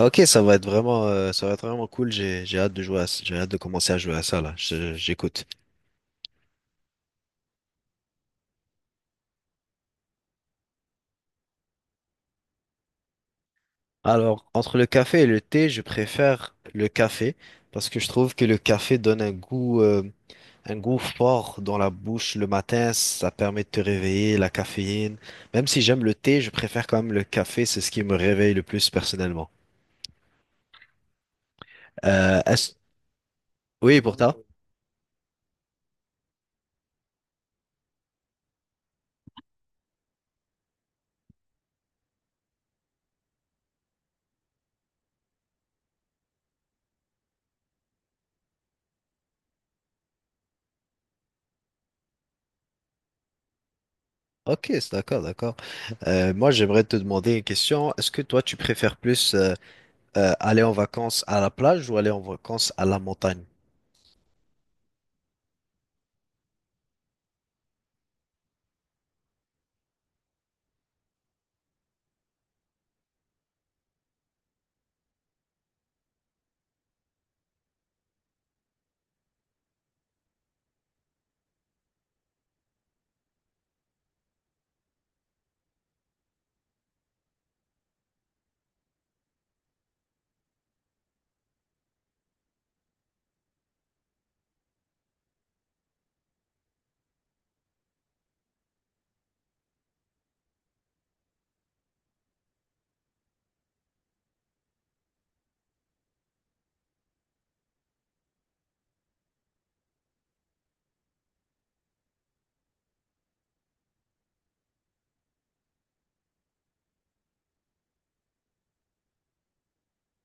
Ok, ça va être vraiment, ça va être vraiment cool. J'ai hâte de jouer j'ai hâte de commencer à jouer à ça là. J'écoute. Alors, entre le café et le thé, je préfère le café parce que je trouve que le café donne un goût fort dans la bouche le matin. Ça permet de te réveiller, la caféine. Même si j'aime le thé, je préfère quand même le café. C'est ce qui me réveille le plus personnellement. Euh, est-ce- Oui, pour toi? Ok, c'est d'accord, d'accord. Moi, j'aimerais te demander une question. Est-ce que toi, tu préfères plus aller en vacances à la plage ou aller en vacances à la montagne?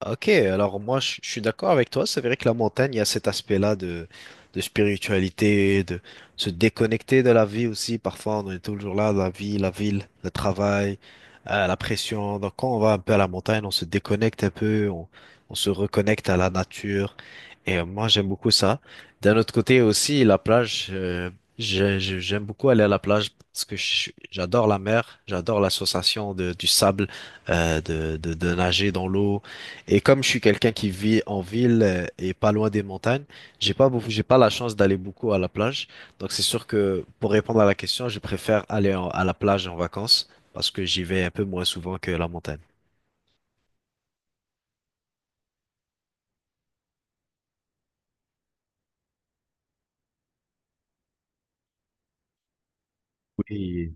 Ok, alors moi je suis d'accord avec toi, c'est vrai que la montagne, il y a cet aspect-là de spiritualité, de se déconnecter de la vie aussi, parfois on est toujours là, la vie, la ville, le travail, la pression, donc quand on va un peu à la montagne, on se déconnecte un peu, on se reconnecte à la nature, et moi j'aime beaucoup ça. D'un autre côté aussi, la plage, j'aime beaucoup aller à la plage parce que j'adore la mer, j'adore l'association de, du sable, de nager dans l'eau. Et comme je suis quelqu'un qui vit en ville et pas loin des montagnes, j'ai pas beaucoup, j'ai pas la chance d'aller beaucoup à la plage. Donc c'est sûr que pour répondre à la question, je préfère à la plage en vacances parce que j'y vais un peu moins souvent que la montagne. Oui.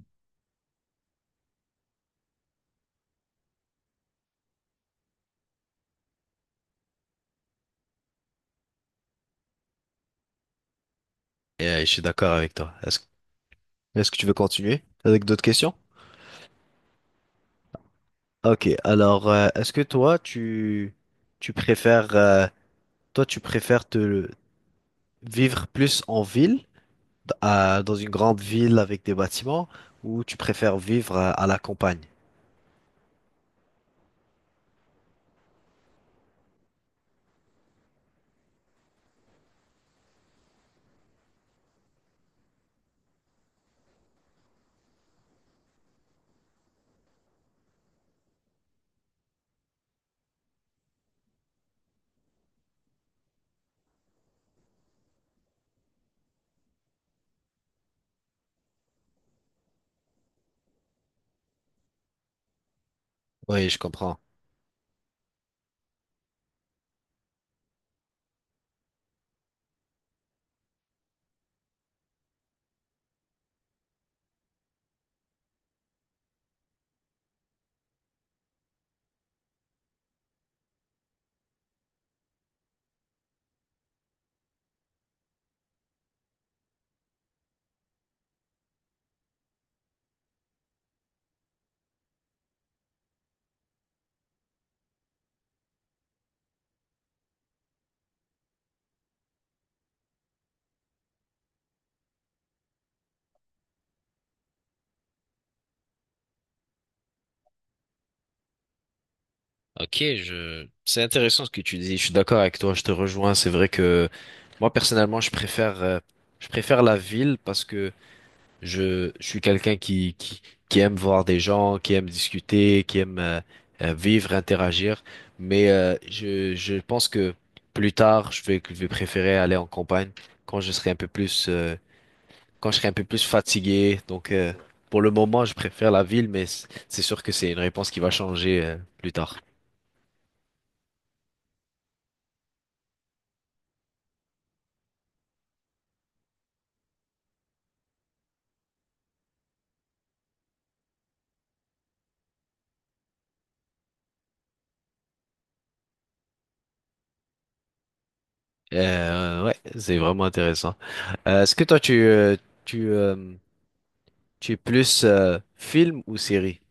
Et je suis d'accord avec toi. Est-ce que tu veux continuer avec d'autres questions? Ok, alors est-ce que toi tu préfères toi tu préfères te vivre plus en ville dans une grande ville avec des bâtiments ou tu préfères vivre à la campagne? Oui, je comprends. Ok, je... C'est intéressant ce que tu dis. Je suis d'accord avec toi. Je te rejoins. C'est vrai que moi personnellement, je préfère la ville parce que je suis quelqu'un qui aime voir des gens, qui aime discuter, qui aime vivre, interagir. Mais je pense que plus tard, je vais préférer aller en campagne quand je serai un peu plus, quand je serai un peu plus fatigué. Donc, pour le moment, je préfère la ville, mais c'est sûr que c'est une réponse qui va changer plus tard. Ouais, c'est vraiment intéressant. Est-ce que toi, tu, tu, tu es plus film ou série?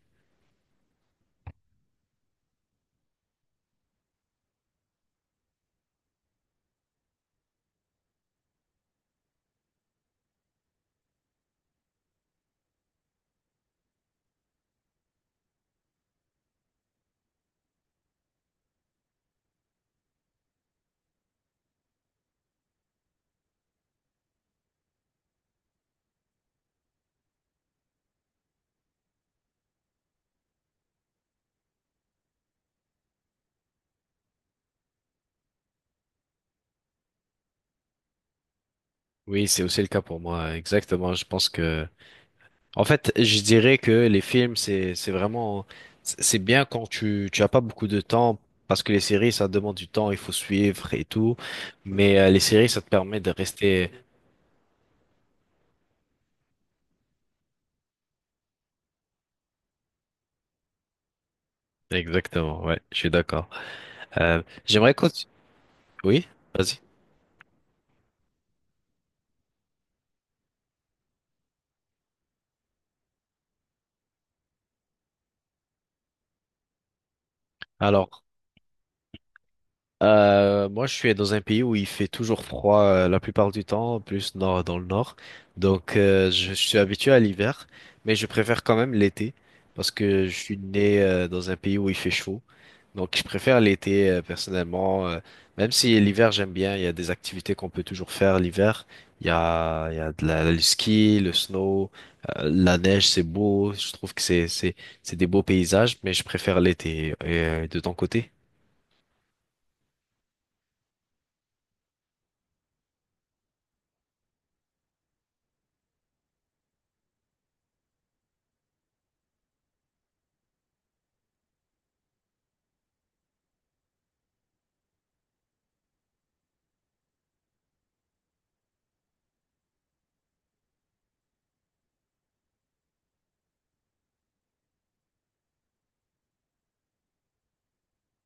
Oui, c'est aussi le cas pour moi, exactement. Je pense que, en fait, je dirais que les films, c'est vraiment, c'est bien quand tu as pas beaucoup de temps, parce que les séries, ça demande du temps, il faut suivre et tout. Mais les séries, ça te permet de rester. Exactement, ouais, je suis d'accord. J'aimerais que Oui, vas-y. Alors, moi, je suis dans un pays où il fait toujours froid la plupart du temps, plus nord dans le nord. Donc, je suis habitué à l'hiver, mais je préfère quand même l'été parce que je suis né dans un pays où il fait chaud. Donc, je préfère l'été personnellement, même si l'hiver j'aime bien. Il y a des activités qu'on peut toujours faire l'hiver. Il y a de la, le ski, le snow, la neige, c'est beau. Je trouve que c'est des beaux paysages, mais je préfère l'été. Et, de ton côté?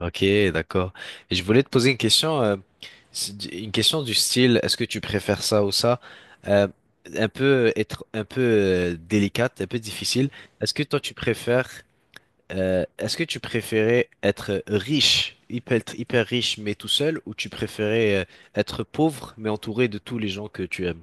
Ok, d'accord. Et je voulais te poser une question, c'est une question du style, est-ce que tu préfères ça ou ça? Euh, un peu être un peu délicate, un peu difficile. Est-ce que toi tu préfères, est-ce que tu préférais être riche, hyper hyper riche mais tout seul, ou tu préférais être pauvre mais entouré de tous les gens que tu aimes?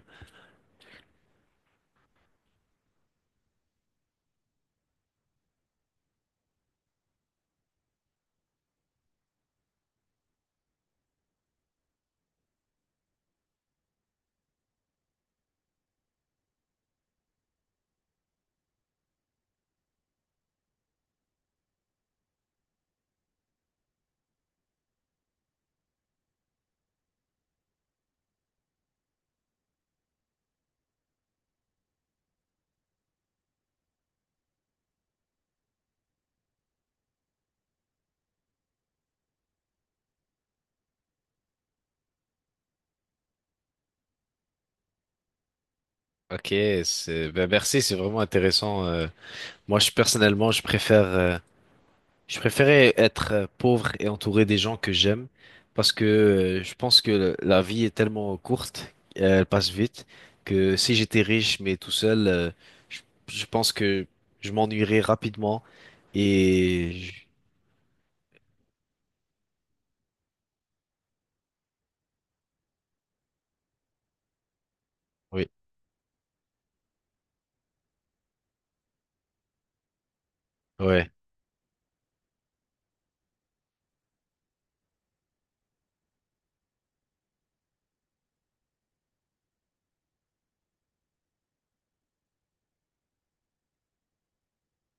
Ok, c'est, ben merci, c'est vraiment intéressant. Moi, je personnellement, je préfère. Je préférais être pauvre et entouré des gens que j'aime parce que je pense que la vie est tellement courte, elle passe vite, que si j'étais riche mais tout seul, je, je pense que je m'ennuierais rapidement et oui, ouais,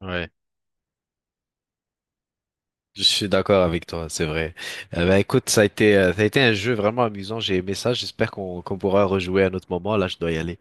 ouais. Je suis d'accord avec toi, c'est vrai. Ben, écoute, ça a été un jeu vraiment amusant, j'ai aimé ça. J'espère qu'on pourra rejouer à un autre moment. Là, je dois y aller.